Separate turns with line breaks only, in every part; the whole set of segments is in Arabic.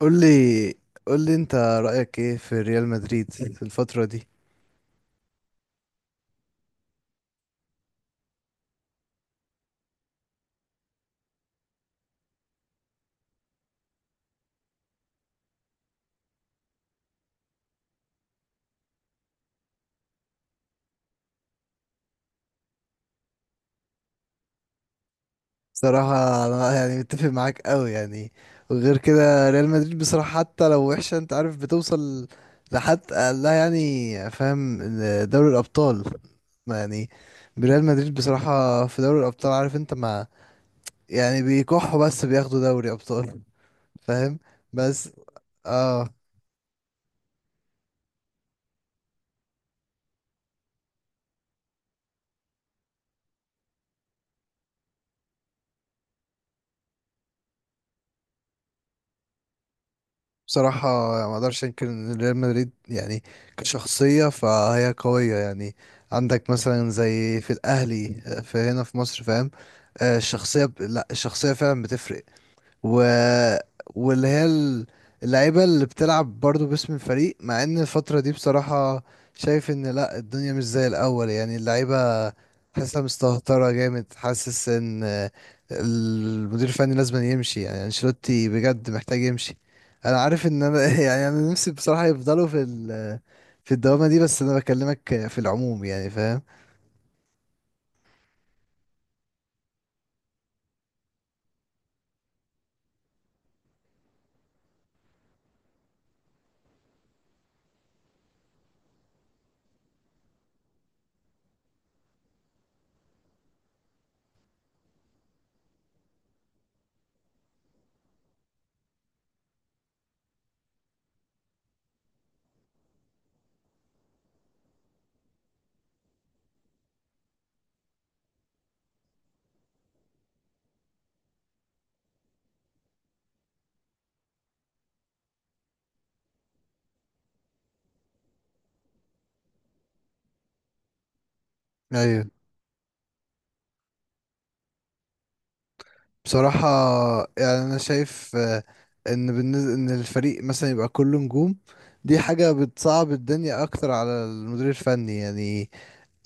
قول لي قول لي انت رأيك ايه في ريال مدريد في الفترة دي. بصراحة انا يعني متفق معاك قوي يعني. وغير كده ريال مدريد بصراحة حتى لو وحشة انت عارف بتوصل لحد، لا يعني فاهم، دوري الأبطال، ما يعني ريال مدريد بصراحة في دوري الأبطال عارف انت، ما يعني بيكحوا بس بياخدوا دوري أبطال. فاهم؟ بس اه، بصراحة ما اقدرش انكر ان ريال مدريد يعني كشخصية فهي قوية يعني. عندك مثلا زي في الاهلي، في هنا في مصر، فاهم. الشخصية لا الشخصية فعلا بتفرق. و... واللي هي ال- اللعيبة اللي بتلعب برضو باسم الفريق، مع ان الفترة دي بصراحة شايف ان لا، الدنيا مش زي الاول، يعني اللعيبة حاسة مستهترة جامد، حاسس ان المدير الفني لازم يمشي، يعني انشيلوتي بجد محتاج يمشي. انا عارف ان انا يعني انا نفسي بصراحة يفضلوا في الدوامة دي، بس انا بكلمك في العموم يعني، فاهم. ايوه، بصراحة يعني أنا شايف إن بالنسبة إن الفريق مثلا يبقى كله نجوم، دي حاجة بتصعب الدنيا أكتر على المدير الفني يعني.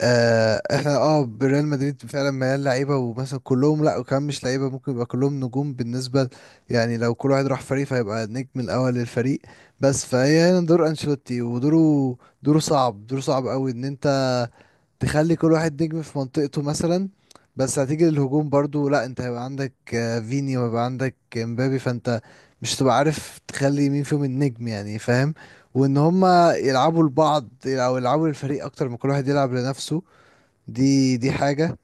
آه إحنا أه بريال مدريد فعلا مليان لعيبة، ومثلا كلهم لأ، وكمان مش لعيبة ممكن يبقى كلهم نجوم بالنسبة يعني لو كل واحد راح فريق فهيبقى النجم الأول للفريق. بس فهي هنا دور أنشيلوتي، ودوره صعب، صعب أوي، إن أنت تخلي كل واحد نجم في منطقته مثلا. بس هتيجي للهجوم برضو، لا انت هيبقى عندك فيني، وهيبقى عندك مبابي، فانت مش هتبقى عارف تخلي مين فيهم النجم، يعني فاهم. وان هما يلعبوا لبعض او يلعبوا للفريق اكتر ما كل واحد يلعب لنفسه، دي حاجة.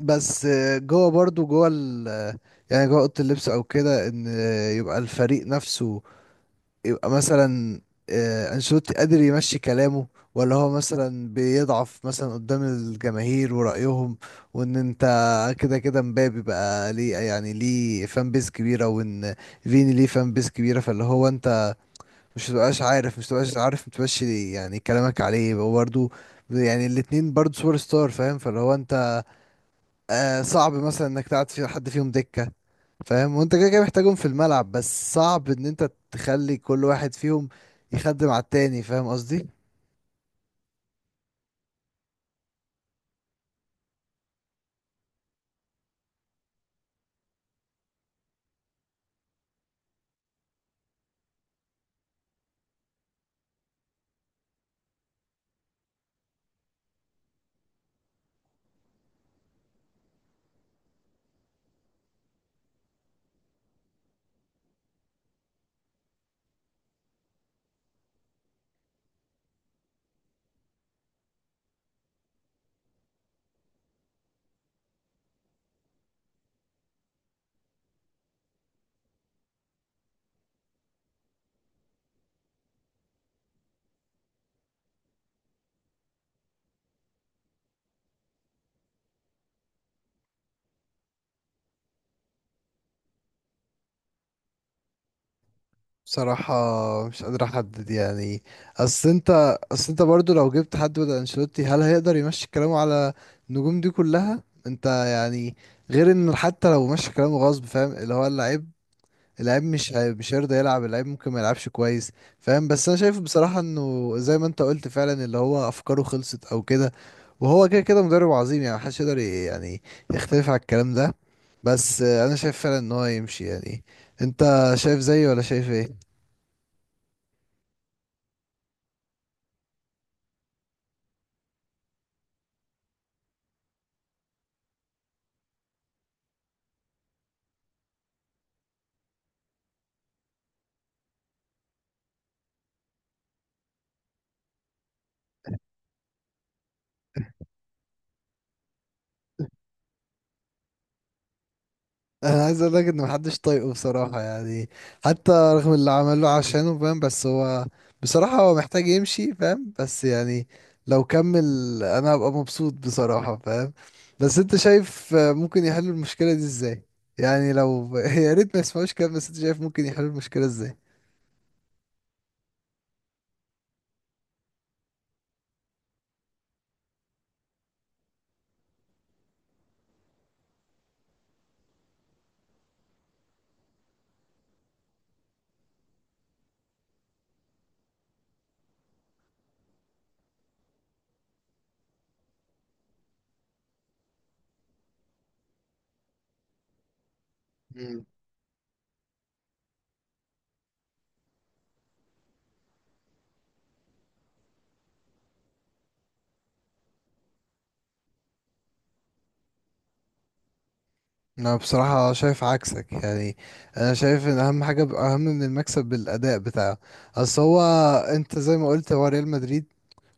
بس جوه برضو جوه ال آه، يعني جوه اوضه اللبس او كده، ان يبقى الفريق نفسه، يبقى مثلا انشيلوتي قادر يمشي كلامه، ولا هو مثلا بيضعف مثلا قدام الجماهير ورأيهم. وان انت كده كده مبابي بقى ليه يعني ليه فان بيز كبيرة، وان فيني ليه فان بيز كبيرة، فاللي هو انت مش تبقاش عارف متمشي يعني كلامك عليه، هو برضه يعني الاتنين برضه سوبر ستار، فاهم. فاللي هو انت آه صعب مثلا انك تقعد في حد فيهم دكة، فاهم، وانت كده كده محتاجهم في الملعب، بس صعب ان انت تخلي كل واحد فيهم يخدم على التاني، فاهم قصدي. بصراحة مش قادر احدد يعني، اصل انت برضو لو جبت حد بدل انشيلوتي هل هيقدر يمشي كلامه على النجوم دي كلها، انت يعني غير ان حتى لو مشي كلامه غصب، فاهم، اللي هو اللعيبة، اللعيب مش هي- مش هيرضى يلعب، اللعيب ممكن ما يلعبش كويس، فاهم. بس انا شايف بصراحة انه زي ما انت قلت فعلا، اللي هو افكاره خلصت او كده، وهو كده كده مدرب عظيم يعني، محدش يقدر يعني يختلف على الكلام ده، بس انا شايف فعلا ان هو يمشي يعني. انت شايف زيي ولا شايف ايه؟ انا عايز اقول لك ان محدش طايقه بصراحه يعني، حتى رغم اللي عمله عشانه، فاهم، بس هو بصراحه هو محتاج يمشي، فاهم، بس يعني لو كمل انا هبقى مبسوط بصراحه، فاهم. بس انت شايف ممكن يحلوا المشكله دي ازاي؟ يعني لو يا ريت ما يسمعوش كلام، بس انت شايف ممكن يحلوا المشكله ازاي؟ مم. انا بصراحة شايف عكسك يعني، انا شايف ان اهم حاجة اهم من المكسب بالاداء بتاعه. اصل هو، انت زي ما قلت، هو ريال مدريد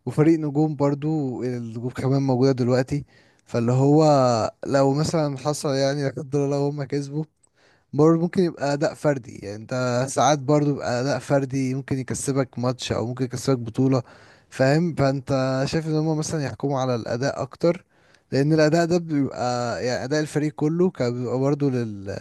وفريق نجوم، برضو النجوم كمان موجودة دلوقتي. فاللي هو لو مثلا حصل يعني، لا قدر الله، هم كسبوا، برضه ممكن يبقى أداء فردي، يعني أنت ساعات برضه يبقى أداء فردي ممكن يكسبك ماتش أو ممكن يكسبك بطولة، فاهم. فأنت شايف إن هما مثلا يحكموا على الأداء أكتر، لأن الأداء ده بيبقى يعني أداء الفريق كله، كان بيبقى برضه لل،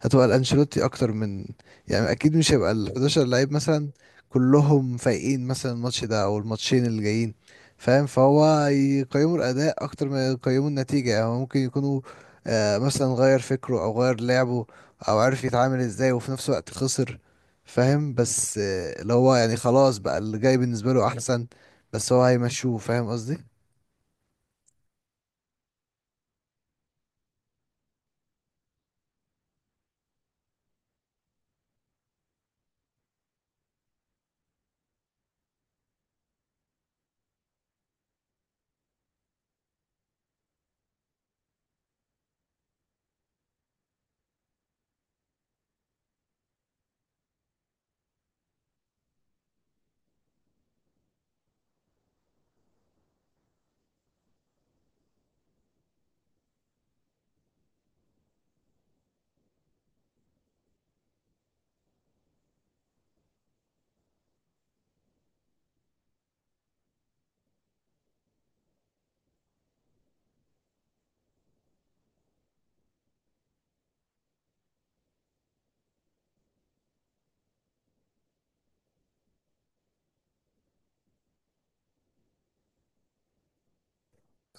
هتبقى الأنشيلوتي أكتر من، يعني أكيد مش هيبقى ال 11 لعيب مثلا كلهم فايقين مثلا الماتش ده أو الماتشين اللي جايين، فاهم. فهو يقيموا الأداء أكتر ما يقيموا النتيجة، يعني هو ممكن يكونوا مثلا غير فكره او غير لعبه، او عارف يتعامل ازاي، وفي نفس الوقت خسر، فاهم. بس اللي هو يعني خلاص بقى، اللي جاي بالنسبة له احسن، بس هو هيمشوه، فاهم قصدي.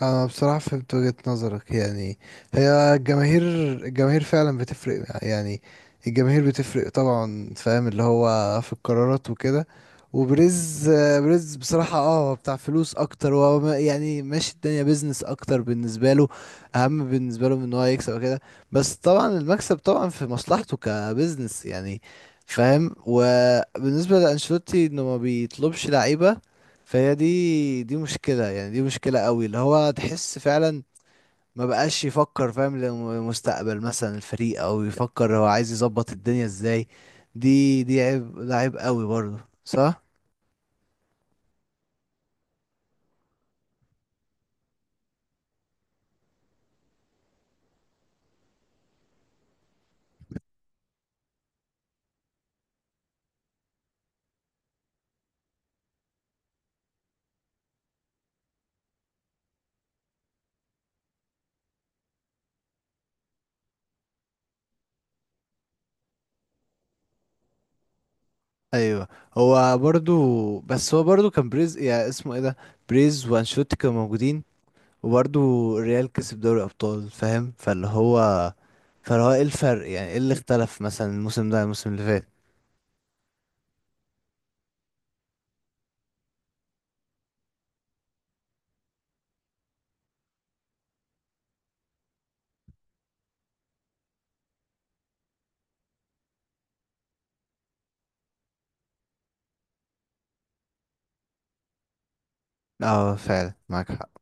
انا بصراحة فهمت وجهة نظرك يعني، هي الجماهير، فعلا بتفرق يعني، الجماهير بتفرق طبعا، فاهم، اللي هو في القرارات وكده. وبريز، بريز بصراحة اه بتاع فلوس اكتر، وهو يعني ماشي الدنيا بيزنس اكتر بالنسبة له، اهم بالنسبة له من ان هو يكسب وكده، بس طبعا المكسب طبعا في مصلحته كبزنس يعني، فاهم. وبالنسبة لأنشيلوتي انه ما بيطلبش لعيبة، فهي دي مشكلة يعني، دي مشكلة قوي، اللي هو تحس فعلا ما بقاش يفكر، فاهم، لمستقبل مثلا الفريق، او يفكر هو عايز يظبط الدنيا ازاي، دي عيب، ده عيب قوي برضه، صح. ايوه، هو برضه، بس هو برضه كان بريز يعني اسمه ايه ده، بريز وانشوتي كانوا موجودين، وبرضه الريال كسب دوري ابطال، فاهم. فاللي هو، ايه الفرق يعني، ايه اللي اختلف مثلا الموسم ده عن الموسم اللي فات؟ اه فعلا معاك حق.